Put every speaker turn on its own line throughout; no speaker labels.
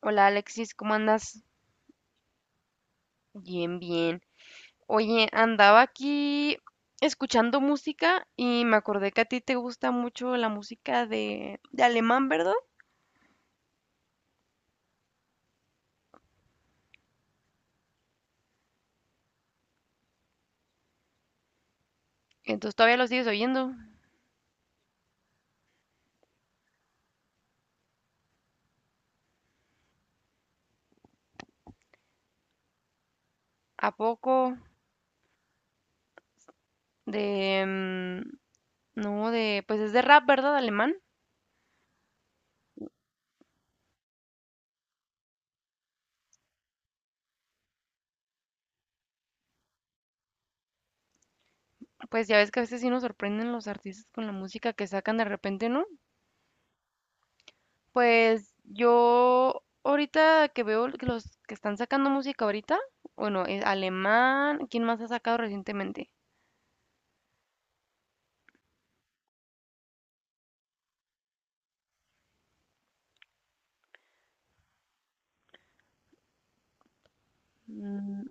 Hola Alexis, ¿cómo andas? Bien, bien. Oye, andaba aquí escuchando música y me acordé que a ti te gusta mucho la música de alemán, ¿verdad? Entonces todavía lo sigues oyendo. ¿A poco? De... mm, no, de... Pues es de rap, ¿verdad? Alemán. Pues ya ves que a veces sí nos sorprenden los artistas con la música que sacan de repente, ¿no? Pues yo ahorita que veo que los que están sacando música ahorita, bueno, es alemán, ¿quién más ha sacado recientemente? Mm,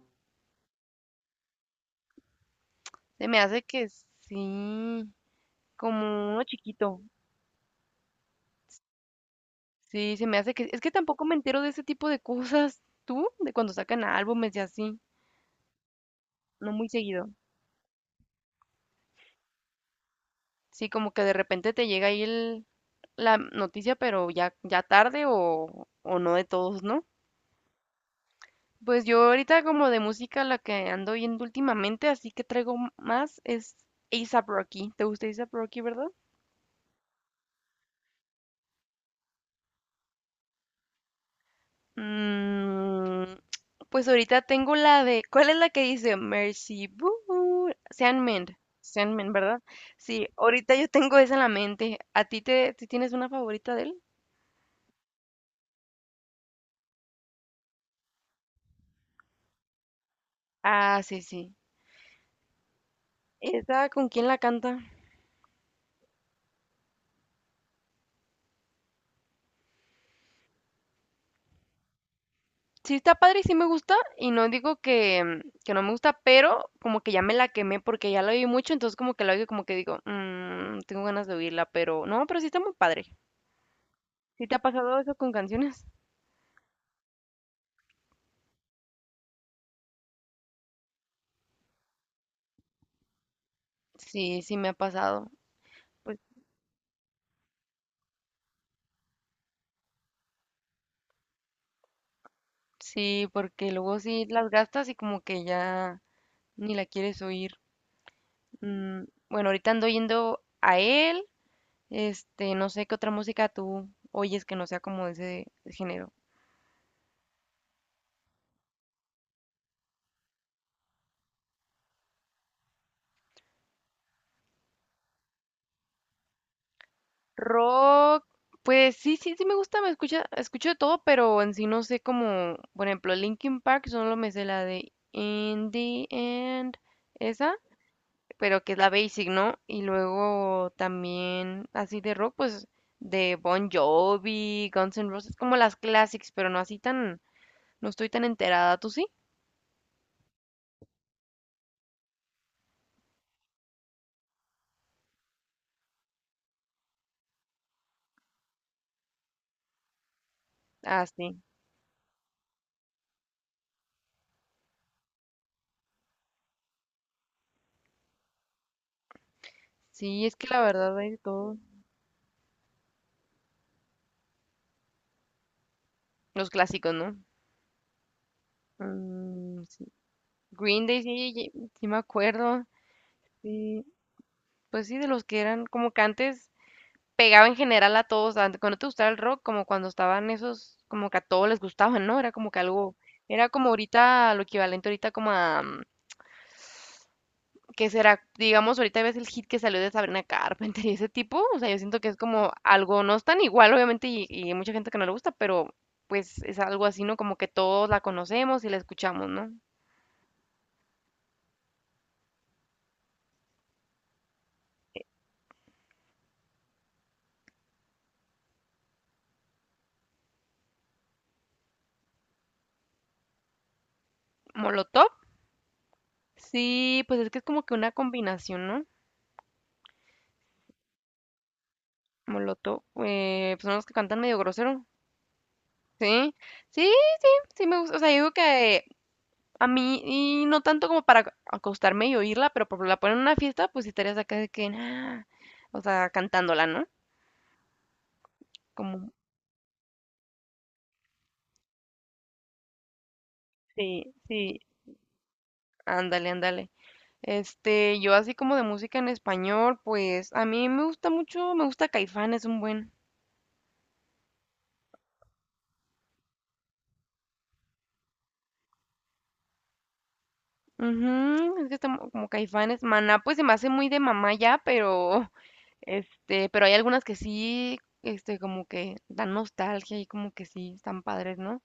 Se me hace que sí, como uno chiquito. Sí, se me hace que... Es que tampoco me entero de ese tipo de cosas, tú, de cuando sacan álbumes y así, no muy seguido. Sí, como que de repente te llega ahí la noticia, pero ya tarde o no de todos, ¿no? Pues yo ahorita como de música la que ando oyendo últimamente, así que traigo más es A$AP Rocky. ¿Te gusta A$AP Rocky, verdad? Mm, pues ahorita tengo la de, ¿cuál es la que dice? Mercy Boo, Sandman, verdad? Sí, ahorita yo tengo esa en la mente. ¿A ti ti tienes una favorita de él? Ah, sí, sí. ¿Esa con quién la canta? Sí, está padre y sí me gusta. Y no digo que no me gusta, pero como que ya me la quemé porque ya la oí mucho. Entonces, como que la oigo, y como que digo, Tengo ganas de oírla, pero no, pero sí está muy padre". ¿Sí te ha pasado eso con canciones? Sí, sí me ha pasado. Pues sí, porque luego sí las gastas y como que ya ni la quieres oír. Bueno, ahorita ando yendo a él. Este, no sé qué otra música tú oyes que no sea como de ese género. Rock, pues sí, sí, sí me gusta, escucho de todo, pero en sí no sé como, por ejemplo, Linkin Park, solo me sé la de In the End, esa. Pero que es la basic, ¿no? Y luego también así de rock, pues de Bon Jovi, Guns N' Roses, como las classics, pero no así tan, no estoy tan enterada, ¿tú sí? Ah, sí. Sí, es que la verdad hay de todo. Los clásicos, ¿no? Mm, sí. Green Day, sí, sí, sí me acuerdo. Sí, pues sí, de los que eran como que antes pegaba en general a todos, cuando te gustaba el rock, como cuando estaban esos, como que a todos les gustaban, ¿no? Era como que algo, era como ahorita, lo equivalente ahorita como a que será? Digamos, ahorita ves el hit que salió de Sabrina Carpenter y ese tipo, o sea, yo siento que es como algo, no es tan igual, obviamente, y hay mucha gente que no le gusta, pero pues es algo así, ¿no? Como que todos la conocemos y la escuchamos, ¿no? Molotov, sí, pues es que es como que una combinación, ¿no? Molotov, pues son los que cantan medio grosero, sí, sí, sí me gusta, o sea, yo digo que a mí, y no tanto como para acostarme y oírla, pero por la ponen en una fiesta, pues sí estarías acá de que, nah, o sea, cantándola, ¿no? Como Sí, sí, ándale, ándale. Este, yo así como de música en español, pues a mí me gusta mucho, me gusta Caifanes un buen. Ujú, es que está como Caifanes, Maná, pues se me hace muy de mamá ya, pero pero hay algunas que sí, como que dan nostalgia y como que sí, están padres, ¿no?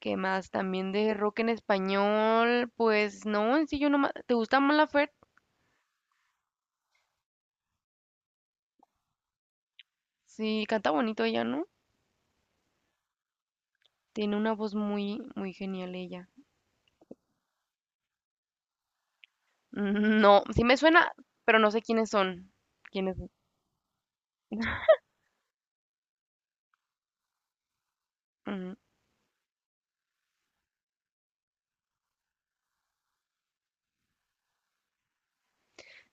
¿Qué más? También de rock en español, pues no, en sí yo no, ¿te gusta Mon Laferte? Sí, canta bonito ella, ¿no? Tiene una voz muy, muy genial ella. No, sí me suena, pero no sé quiénes son. ¿Quiénes son? Ujú.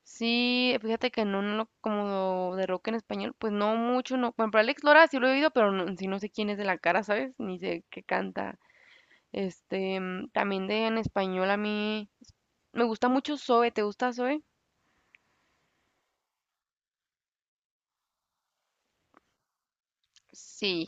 Sí, fíjate que no, como de rock en español, pues no mucho, no. Bueno, pero Alex Lora sí lo he oído, pero no, sí no sé quién es de la cara, ¿sabes? Ni sé qué canta. También de en español a mí me gusta mucho Zoe, ¿te gusta Zoe? Sí,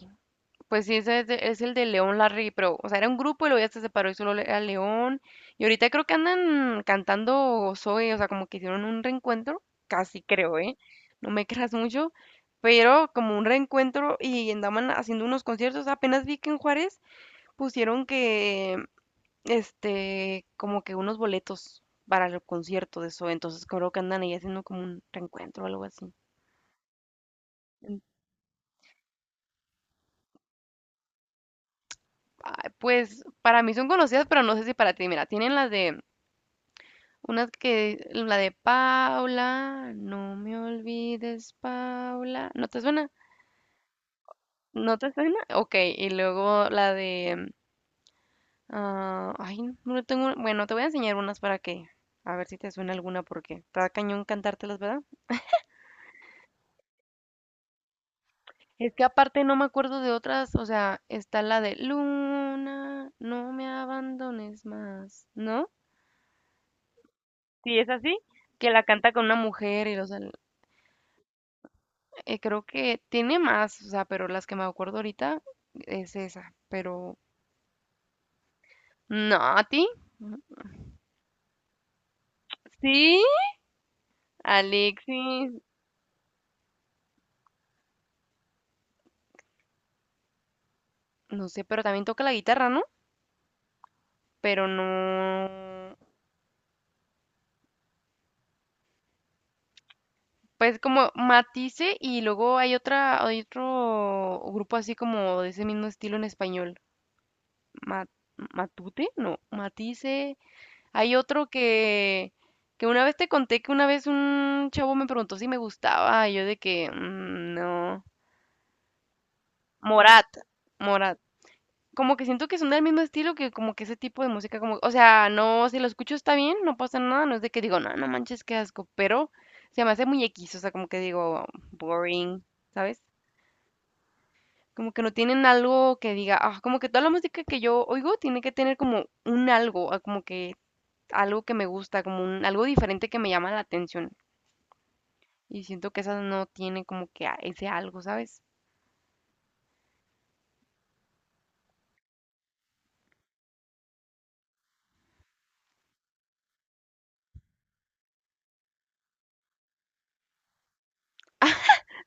pues sí, ese es, es el de León Larry, pero, o sea, era un grupo y luego ya se separó y solo era León. Y ahorita creo que andan cantando Zoe, o sea, como que hicieron un reencuentro, casi creo, ¿eh? No me creas mucho, pero como un reencuentro y andaban haciendo unos conciertos. Apenas vi que en Juárez pusieron que, como que unos boletos para el concierto de Zoe, entonces creo que andan ahí haciendo como un reencuentro o algo así. Ay, pues para mí son conocidas, pero no sé si para ti. Mira, tienen las de una que, la de Paula, no me olvides, Paula. ¿No te suena? ¿No te suena? Ok, y luego la de... ah, ay, no tengo... Bueno, te voy a enseñar unas para que... A ver si te suena alguna porque está cañón cantártelas, ¿verdad? Es que aparte no me acuerdo de otras, o sea, está la de Luna, no me abandones más, ¿no? Sí, es así, que la canta con una mujer y, o sea, creo que tiene más, o sea, pero las que me acuerdo ahorita es esa, pero no, ¿a ti? Sí, Alexis, no sé, pero también toca la guitarra, ¿no? Pero no, pues como Matice y luego hay hay otro grupo así como de ese mismo estilo en español, Ma- Matute, no, Matice, hay otro que una vez te conté que una vez un chavo me preguntó si me gustaba, y yo de que, No. Morat, Morat". Como que siento que son del mismo estilo que como que ese tipo de música, como, o sea, no, si lo escucho está bien, no pasa nada, no es de que digo, no, no manches, qué asco, pero se me hace muy X, o sea, como que digo, boring, ¿sabes? Como que no tienen algo que diga, ah, como que toda la música que yo oigo tiene que tener como un algo, ah, como que algo que me gusta, como algo diferente que me llama la atención. Y siento que esas no tienen como que ese algo, ¿sabes?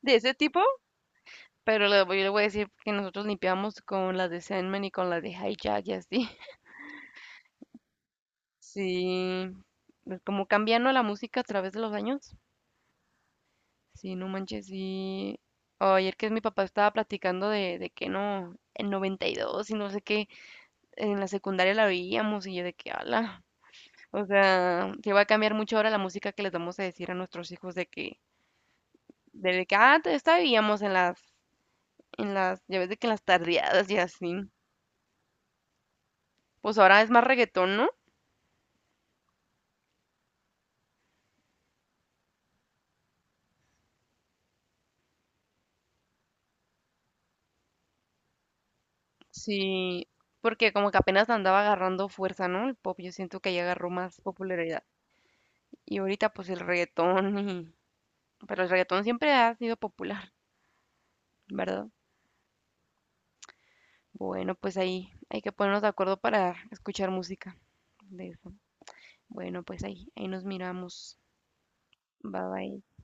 De ese tipo, pero yo le voy a decir que nosotros limpiamos con las de Sandman y con las de Hijack y así. Sí, pues como cambiando la música a través de los años. Sí, no manches, sí. Oh, ayer que mi papá estaba platicando de que no, en 92 y dos y no sé qué, en la secundaria la veíamos y yo de que ala. O sea, sí va a cambiar mucho ahora la música que les vamos a decir a nuestros hijos de que, antes estábamos en las, ya ves de que en las tardeadas y así. Pues ahora es más reggaetón, ¿no? Sí, porque como que apenas andaba agarrando fuerza, ¿no? El pop, yo siento que ya agarró más popularidad. Y ahorita pues el reggaetón y... pero el reggaetón siempre ha sido popular, ¿verdad? Bueno, pues ahí hay que ponernos de acuerdo para escuchar música de eso. Bueno, pues ahí nos miramos. Bye bye.